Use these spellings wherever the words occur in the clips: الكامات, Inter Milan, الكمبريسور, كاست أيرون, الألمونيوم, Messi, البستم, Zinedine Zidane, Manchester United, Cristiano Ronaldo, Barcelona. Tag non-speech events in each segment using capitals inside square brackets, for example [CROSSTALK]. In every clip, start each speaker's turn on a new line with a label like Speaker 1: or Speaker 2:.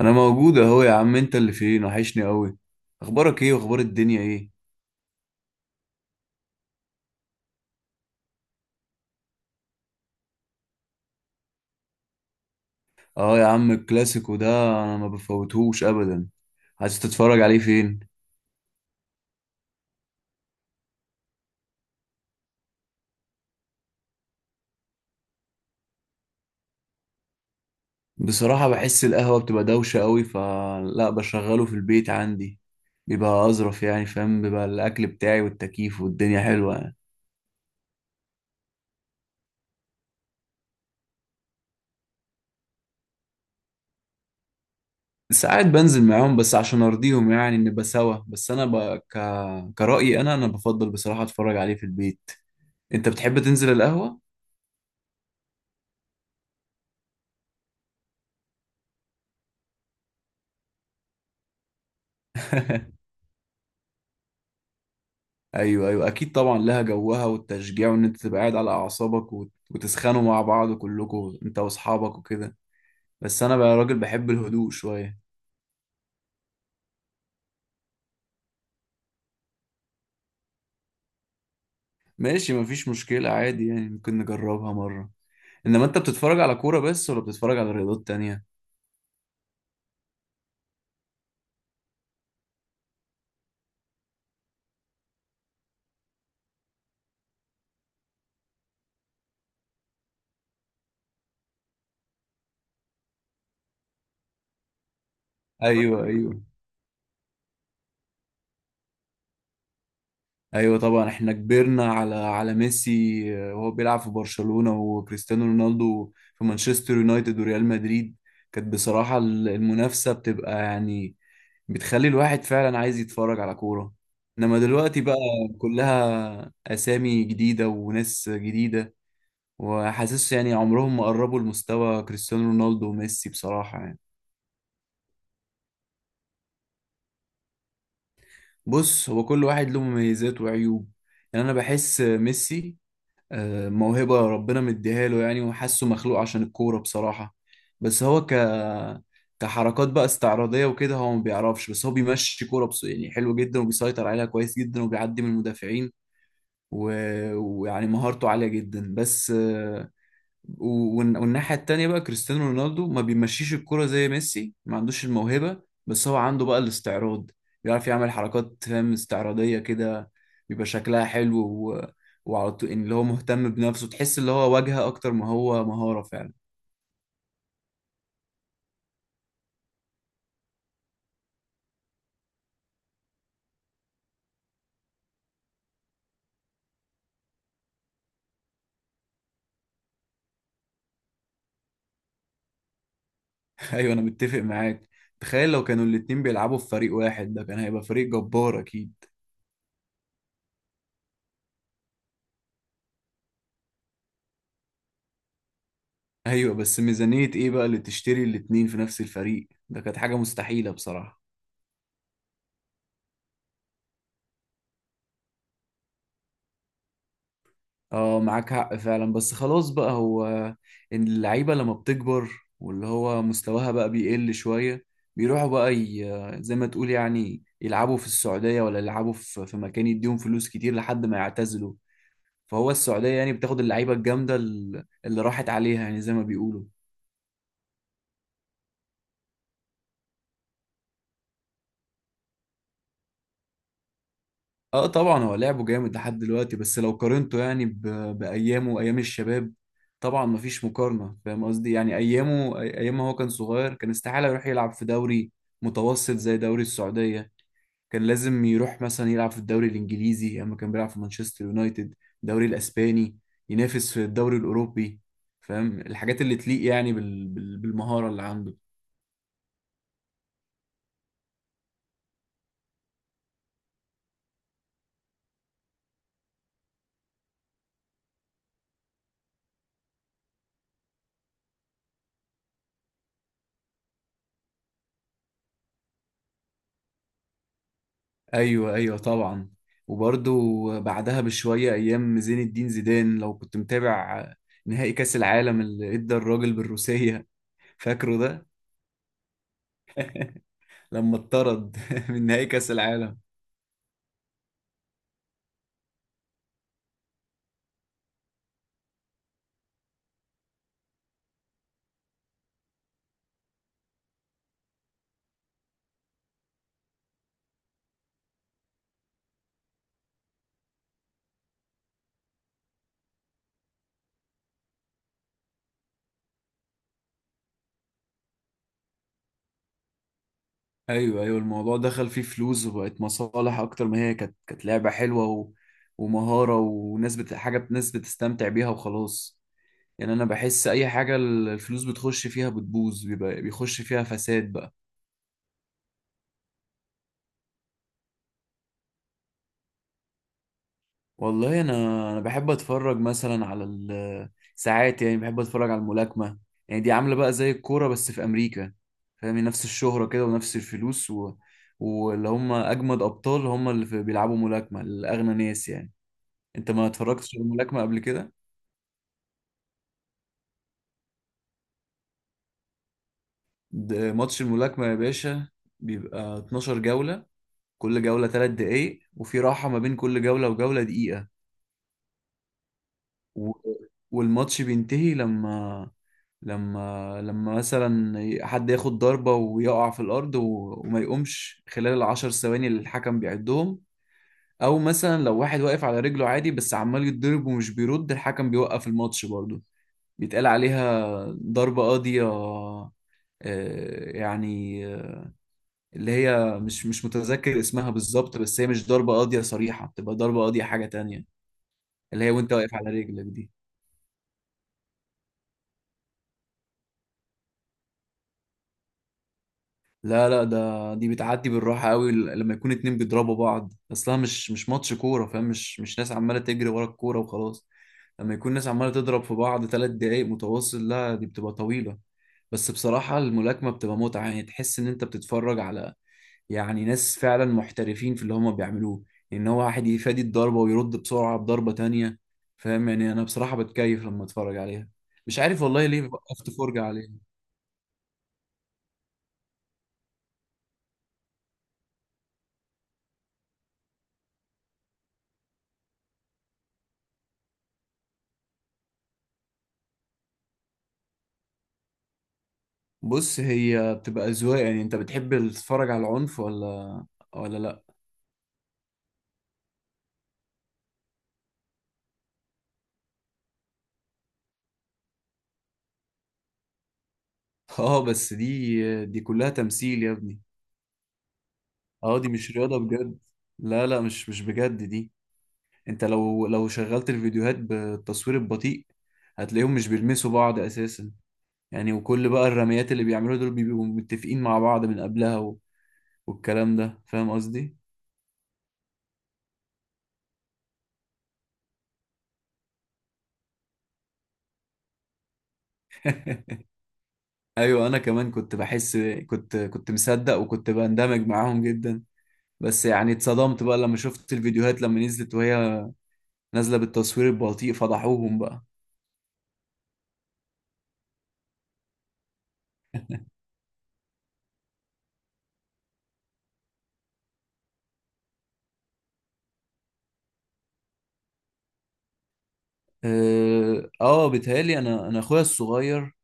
Speaker 1: انا موجود اهو يا عم، انت اللي فين؟ وحشني قوي. اخبارك ايه واخبار الدنيا ايه؟ اه يا عم الكلاسيكو ده، انا ما بفوتهوش ابدا. عايز تتفرج عليه فين؟ بصراحة بحس القهوة بتبقى دوشة قوي، فلا بشغله في البيت عندي، بيبقى اظرف يعني، فاهم، بيبقى الاكل بتاعي والتكييف والدنيا حلوة يعني. ساعات بنزل معاهم بس عشان ارضيهم، يعني نبقى سوا، بس انا ك... كرأيي انا بفضل بصراحة اتفرج عليه في البيت. انت بتحب تنزل القهوة؟ [LAUGHS] ايوه، ايوه اكيد طبعا، لها جوها والتشجيع، وان انت تبقى قاعد على اعصابك وتسخنوا مع بعض كلكم انت واصحابك وكده. بس انا بقى راجل بحب الهدوء شويه. ماشي، مفيش مشكله، عادي يعني، ممكن نجربها مره. انما انت بتتفرج على كوره بس ولا بتتفرج على رياضات تانية؟ ايوه، ايوه، ايوه طبعا، احنا كبرنا على ميسي وهو بيلعب في برشلونه، وكريستيانو رونالدو في مانشستر يونايتد وريال مدريد. كانت بصراحه المنافسه بتبقى يعني بتخلي الواحد فعلا عايز يتفرج على كورة. انما دلوقتي بقى كلها اسامي جديدة وناس جديدة، وحاسس يعني عمرهم ما قربوا لمستوى كريستيانو رونالدو وميسي بصراحة يعني. بص، هو كل واحد له مميزات وعيوب، يعني انا بحس ميسي موهبة ربنا مديها له يعني، وحاسه مخلوق عشان الكورة بصراحة. بس هو كحركات بقى استعراضية وكده هو ما بيعرفش، بس هو بيمشي كورة بس، يعني حلو جدا وبيسيطر عليها كويس جدا وبيعدي من المدافعين، ويعني مهارته عالية جدا، بس والناحية التانية بقى كريستيانو رونالدو ما بيمشيش الكرة زي ميسي، ما عندوش الموهبة، بس هو عنده بقى الاستعراض، بيعرف يعمل حركات، فاهم، استعراضية كده، بيبقى شكلها حلو، وعلى طول إن اللي هو مهتم بنفسه، تحس اللي هو واجهة أكتر ما هو مهارة فعلا. [LAUGHS] أيوة أنا متفق معاك. تخيل لو كانوا الاتنين بيلعبوا في فريق واحد، ده كان هيبقى فريق جبار أكيد. أيوة بس ميزانية إيه بقى اللي تشتري الاتنين في نفس الفريق؟ ده كانت حاجة مستحيلة بصراحة. اه معاك حق فعلا، بس خلاص بقى هو، إن اللعيبة لما بتكبر واللي هو مستواها بقى بيقل شوية، بيروحوا بقى، زي ما تقول يعني يلعبوا في السعودية، ولا يلعبوا في مكان يديهم فلوس كتير لحد ما يعتزلوا. فهو السعودية يعني بتاخد اللعيبة الجامدة اللي راحت عليها يعني، زي ما بيقولوا. اه طبعا هو لعبه جامد لحد دلوقتي، بس لو قارنته يعني بايامه وايام الشباب، طبعا مفيش مقارنه، فاهم قصدي، يعني ايامه ايام ما هو كان صغير، كان استحاله يروح يلعب في دوري متوسط زي دوري السعوديه، كان لازم يروح مثلا يلعب في الدوري الانجليزي، اما كان بيلعب في مانشستر يونايتد، الدوري الاسباني، ينافس في الدوري الاوروبي، فاهم، الحاجات اللي تليق يعني بالمهاره اللي عنده. ايوه، ايوه طبعا. وبرضو بعدها بشويه ايام زين الدين زيدان، لو كنت متابع، نهائي كاس العالم اللي ادى الراجل بالروسيه، فاكره ده؟ لما اتطرد [LAUGHS] من نهائي كاس العالم. ايوه، ايوه، الموضوع دخل فيه فلوس وبقت مصالح اكتر ما هي كانت لعبه حلوه، ومهاره وناس حاجه، ناس بتستمتع بيها وخلاص. يعني انا بحس اي حاجه الفلوس بتخش فيها بتبوظ، بيبقى بيخش فيها فساد بقى. والله انا بحب اتفرج مثلا على ساعات يعني بحب اتفرج على الملاكمه. يعني دي عامله بقى زي الكوره بس في امريكا، فاهم، نفس الشهره كده ونفس الفلوس، واللي هم اجمد ابطال هم اللي بيلعبوا ملاكمه الاغنى ناس يعني. انت ما اتفرجتش على الملاكمه قبل كده؟ ده ماتش الملاكمه يا باشا، بيبقى 12 جوله، كل جوله 3 دقايق، وفي راحه ما بين كل جوله وجوله دقيقه، و... والماتش بينتهي لما مثلا حد ياخد ضربة ويقع في الأرض، وما يقومش خلال الـ10 ثواني اللي الحكم بيعدهم. أو مثلا لو واحد واقف على رجله عادي بس عمال يتضرب ومش بيرد، الحكم بيوقف الماتش برضه، بيتقال عليها ضربة قاضية، يعني اللي هي، مش متذكر اسمها بالظبط، بس هي مش ضربة قاضية صريحة، بتبقى ضربة قاضية حاجة تانية، اللي هي وانت واقف على رجلك دي. لا لا، ده دي بتعدي بالراحة قوي، لما يكون اتنين بيضربوا بعض اصلها مش مش ماتش كورة، فاهم، مش مش ناس عمالة تجري ورا الكورة وخلاص، لما يكون ناس عمالة تضرب في بعض 3 دقايق متواصل، لا دي بتبقى طويلة. بس بصراحة الملاكمة بتبقى متعة، يعني تحس ان انت بتتفرج على، يعني، ناس فعلا محترفين في اللي هما بيعملوه، ان هو واحد يفادي الضربة ويرد بسرعة بضربة تانية، فاهم، يعني انا بصراحة بتكيف لما اتفرج عليها، مش عارف والله ليه وقفت فرجة عليها. بص، هي بتبقى أذواق، يعني انت بتحب تتفرج على العنف ولا لا؟ [LAUGHS] اه بس دي كلها تمثيل يا ابني، اه دي مش رياضة بجد، لا لا، مش بجد دي. انت لو شغلت الفيديوهات بالتصوير البطيء، هتلاقيهم مش بيلمسوا بعض اساسا، يعني وكل بقى الرميات اللي بيعملوها دول بيبقوا متفقين مع بعض من قبلها، والكلام ده فاهم قصدي. [LAUGHS] ايوه انا كمان كنت بحس، كنت مصدق وكنت بندمج معاهم جدا، بس يعني اتصدمت بقى لما شفت الفيديوهات لما نزلت، وهي نازلة بالتصوير البطيء فضحوهم بقى. اه، بيتهيألي انا اخويا الصغير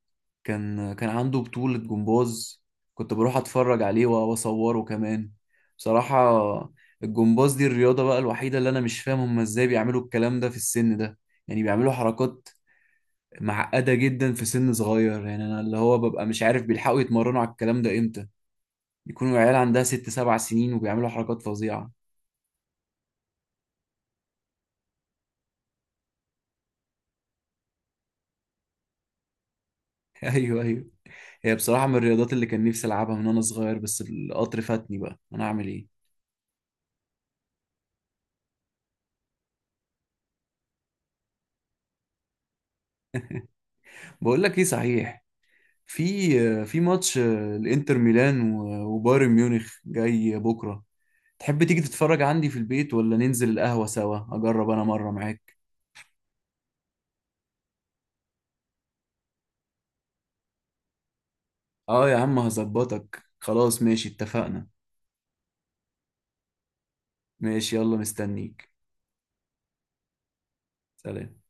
Speaker 1: كان عنده بطولة جمباز، كنت بروح اتفرج عليه واصوره كمان بصراحة. الجمباز دي الرياضة بقى الوحيدة اللي انا مش فاهم هم ازاي بيعملوا الكلام ده في السن ده، يعني بيعملوا حركات معقدة جدا في سن صغير، يعني انا اللي هو ببقى مش عارف بيلحقوا يتمرنوا على الكلام ده امتى، بيكونوا عيال عندها 6 ل7 سنين وبيعملوا حركات فظيعة. ايوه، ايوه، هي بصراحه من الرياضات اللي كان نفسي العبها من وانا صغير، بس القطر فاتني بقى، انا اعمل ايه؟ بقول لك ايه، صحيح، في في ماتش الانتر ميلان وبايرن ميونخ جاي بكره، تحب تيجي تتفرج عندي في البيت ولا ننزل القهوه سوا، اجرب انا مره معاك؟ اه يا عم هظبطك، خلاص ماشي، اتفقنا. ماشي يلا مستنيك. سلام.